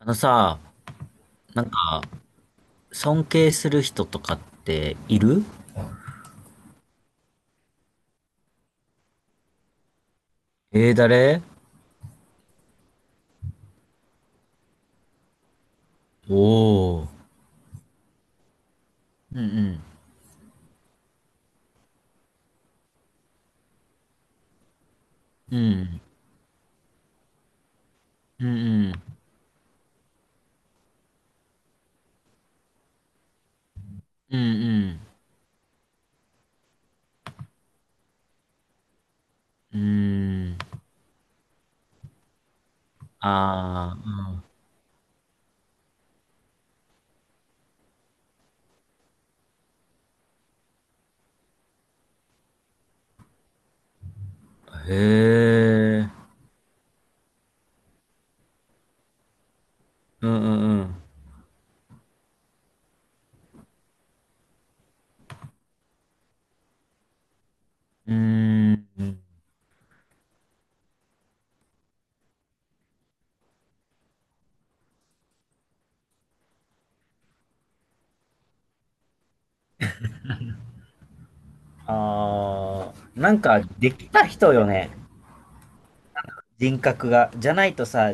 あのさ、なんか、尊敬する人とかっている？誰？おー。うんうん。うんうん。うんうん。うん。うん。あー、うん。へー。うんうんうん。うーん。ああ、なんかできた人よね、人格が。じゃないとさ、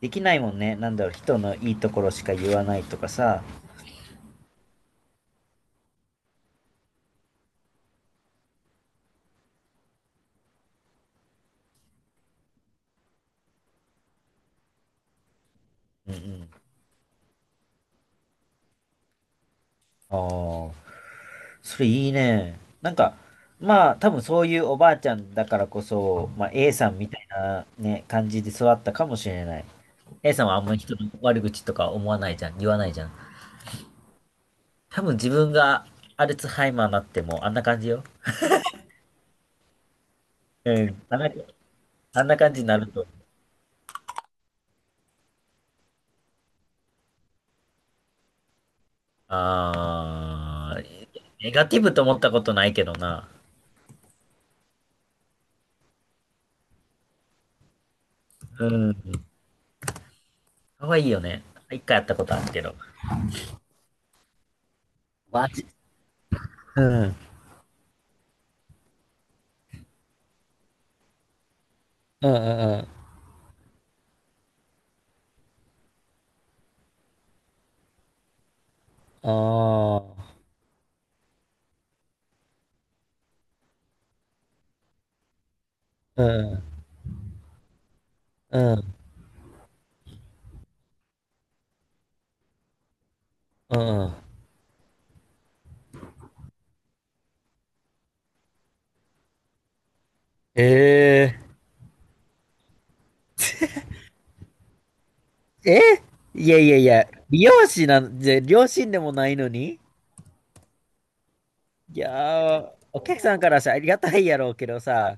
できないもんね。なんだろう、人のいいところしか言わないとかさ。うんうん。ああ。それいいね。なんか、まあ、多分そういうおばあちゃんだからこそ、まあ、A さんみたいなね、感じで育ったかもしれない。A さんはあんまり人の悪口とか思わないじゃん、言わないじゃん。多分自分がアルツハイマーになってもあんな感じよ。うん、あんな感じになると。あー、ネガティブと思ったことないけどな。うん、可愛いよね。一回やったことあるけど。マジ。うん、うん、うん、うん。ああ、うん、うん、うん。えええ、いやいやいや、美容師なんで、両親でもないのに。いやー、お客さんからさありがたいやろうけどさ、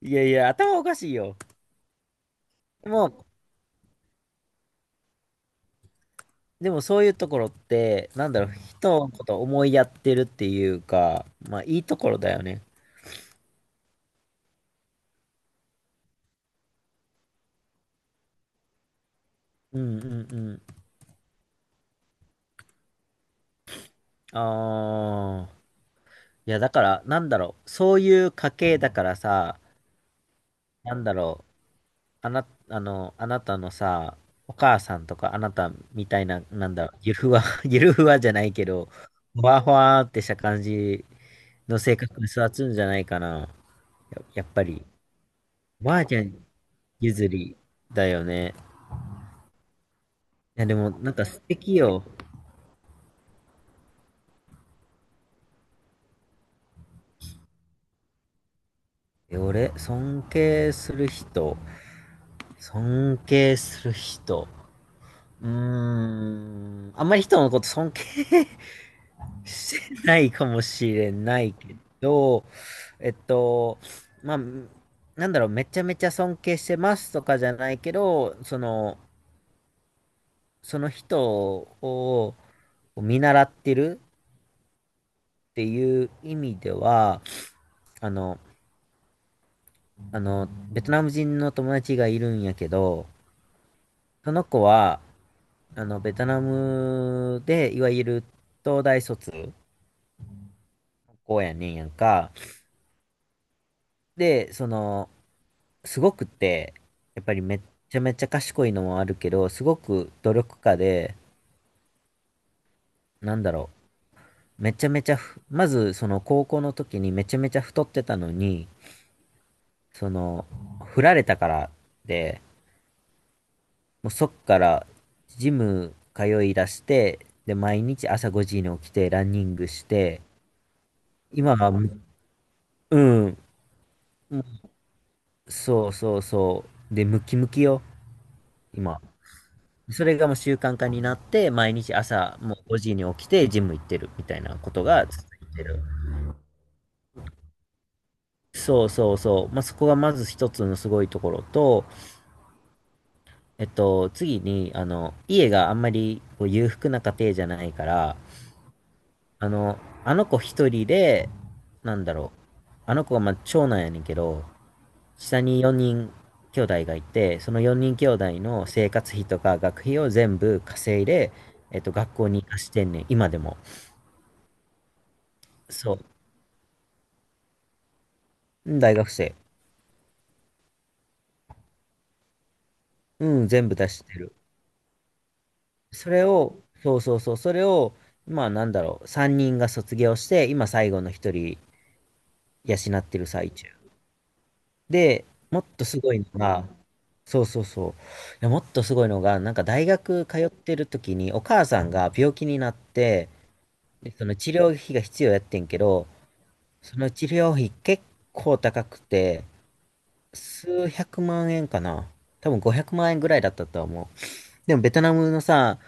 いやいや、頭おかしいよ。でも、でも、そういうところって、なんだろう、人のこと思いやってるっていうか、まあいいところだよね。うんうんうん。ああ、いやだから、なんだろう、そういう家系だからさ、なんだろう、あな、あの、あなたのさ、お母さんとかあなたみたいな、なんだろう、ゆるふわ、ゆるふわじゃないけど、ふわふわってした感じの性格に育つんじゃないかな。やっぱり、おばあちゃん譲りだよね。いや、でも、なんか素敵よ。俺、尊敬する人、尊敬する人。うーん、あんまり人のこと尊敬してないかもしれないけど、えっと、まあ、なんだろう、めちゃめちゃ尊敬してますとかじゃないけど、その人を見習ってるっていう意味では、あの、ベトナム人の友達がいるんやけど、その子は、ベトナムで、いわゆる東大卒高校やねんやんか。で、その、すごくって、やっぱりめっちゃめちゃ賢いのもあるけど、すごく努力家で、なんだろう、めちゃめちゃふ、まずその高校の時にめちゃめちゃ太ってたのに、その、振られたからで、もうそっからジム通い出して、で、毎日朝5時に起きてランニングして、今は。うん、そうそうそう、で、ムキムキよ、今。それがもう習慣化になって、毎日朝もう5時に起きてジム行ってるみたいなことが続いてる。そうそうそう。まあ、そこがまず一つのすごいところと、次に、あの、家があんまりこう裕福な家庭じゃないから、あの、あの子一人で、なんだろう。あの子はまあ長男やねんけど、下に4人兄弟がいて、その4人兄弟の生活費とか学費を全部稼いで、学校に貸してんねん、今でも。そう。うん。大学生。うん、全部出してる。それを、そうそうそう、それを、まあなんだろう、3人が卒業して、今最後の1人養ってる最中。で、もっとすごいのが、そうそうそう、いや、もっとすごいのが、なんか大学通ってる時にお母さんが病気になって、で、その治療費が必要やってんけど、その治療費結構高くて、数百万円かな。多分500万円ぐらいだったとは思う。でもベトナムのさ、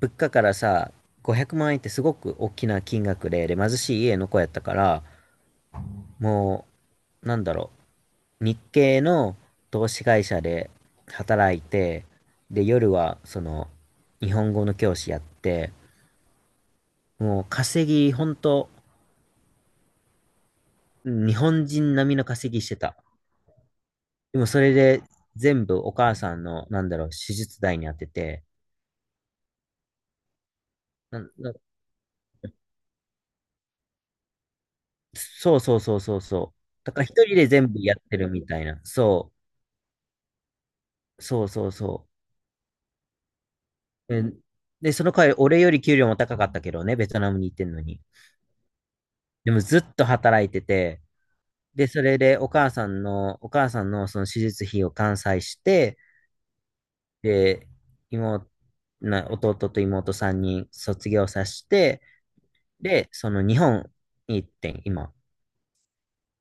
物価からさ、500万円ってすごく大きな金額で、で、貧しい家の子やったから、もう、なんだろう、日系の投資会社で働いて、で、夜は、その、日本語の教師やって、もう稼ぎ、ほんと、日本人並みの稼ぎしてた。でもそれで全部お母さんの、なんだろう、手術代に当てて、なんなそうそうそうそうそう。だから一人で全部やってるみたいな。そう、そうそうそう。えーで、その代わり俺より給料も高かったけどね、ベトナムに行ってんのに。でもずっと働いてて、で、それでお母さんのその手術費を完済して、で、妹、弟と妹3人卒業させて、で、その日本に行ってん、今。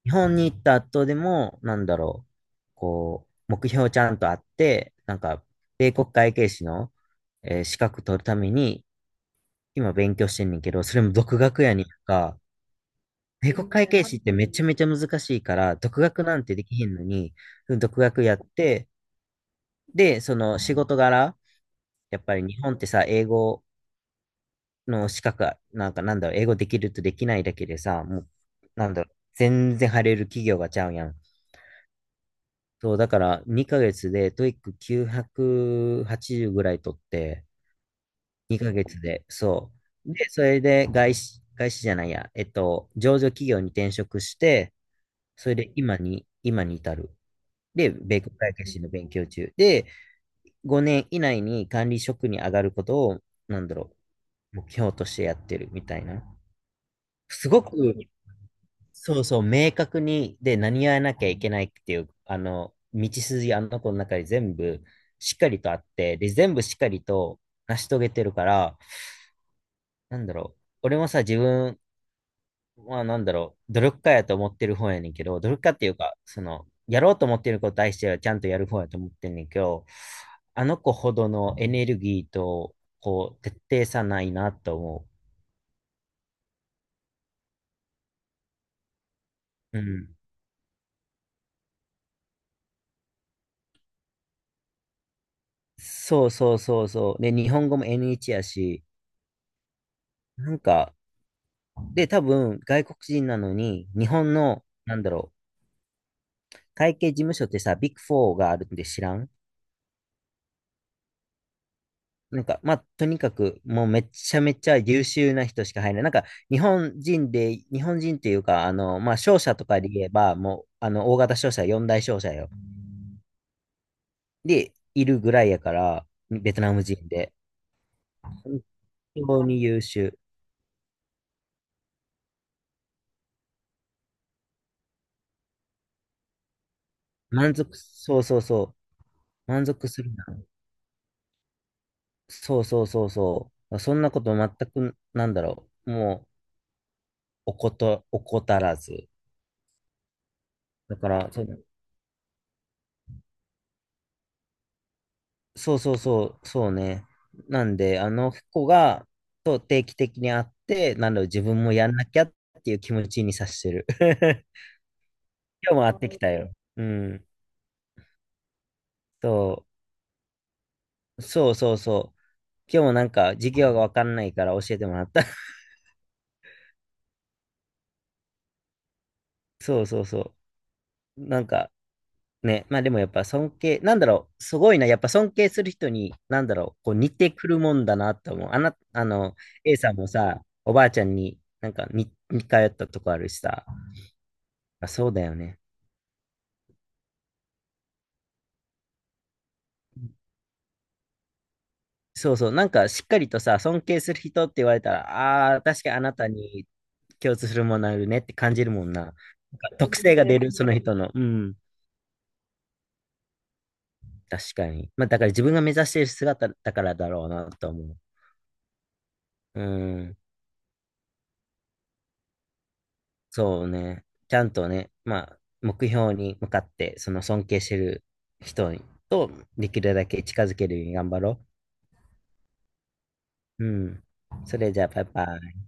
日本に行った後でも、なんだろう、こう、目標ちゃんとあって、なんか、米国会計士の、資格取るために、今勉強してんねんけど、それも独学やにんか、米国会計士ってめちゃめちゃ難しいから、独学なんてできへんのに、独学やって、で、その仕事柄、やっぱり日本ってさ、英語の資格なんかなんだろう、英語できるとできないだけでさ、もう、なんだろう、全然入れる企業がちゃうやん。そう、だから2ヶ月でトイック980ぐらい取って、2ヶ月で、そう。で、それで外資、外資じゃないや、上場企業に転職して、それで今に至る。で、米国会計士の勉強中。で、5年以内に管理職に上がることを、なんだろう、目標としてやってるみたいな。すごく。そうそう、明確に、で、何やらなきゃいけないっていう、あの、道筋、あの子の中に全部しっかりとあって、で、全部しっかりと成し遂げてるから、なんだろう、俺もさ、自分はなんだろう、努力家やと思ってる方やねんけど、努力家っていうか、その、やろうと思ってることに対してはちゃんとやる方やと思ってんねんけど、あの子ほどのエネルギーと、こう、徹底さないなと思う。うん。そうそうそうそう。で、日本語も N1 やし、なんか、で、多分、外国人なのに、日本の、なんだろう、会計事務所ってさ、ビッグフォーがあるんで知らん。なんか、まあ、とにかく、もうめちゃめちゃ優秀な人しか入らない。なんか、日本人で、日本人っていうか、あの、まあ、商社とかで言えば、もう、あの、大型商社、四大商社よ。で、いるぐらいやから、ベトナム人で。本当に優秀。満足、そうそうそう。満足するな。そうそうそうそう。そんなこと全く、なんだろう。もう、おこと、怠らず。だから、そうそうそう、そうね。なんで、あの子が、と定期的に会って、なんだろう、自分もやんなきゃっていう気持ちにさしてる。今日も会ってきたよ。うん。そう、そうそうそう。今日もなんか、授業がわかんないから教えてもらった。そうそうそう。なんか、ね、まあでもやっぱ尊敬、なんだろう、すごいな、やっぱ尊敬する人に、なんだろう、こう似てくるもんだなと思う。あな、あの、A さんもさ、おばあちゃんになんか似通ったとこあるしさ、あそうだよね。そうそう、なんかしっかりとさ、尊敬する人って言われたら、ああ、確かにあなたに共通するものあるねって感じるもんな。なんか特性が出る、その人の。うん、確かに。まあだから自分が目指している姿だからだろうなと思う。うん。そうね。ちゃんとね、まあ、目標に向かって、その尊敬してる人とできるだけ近づけるように頑張ろう。うん。それじゃあ、バイバイ。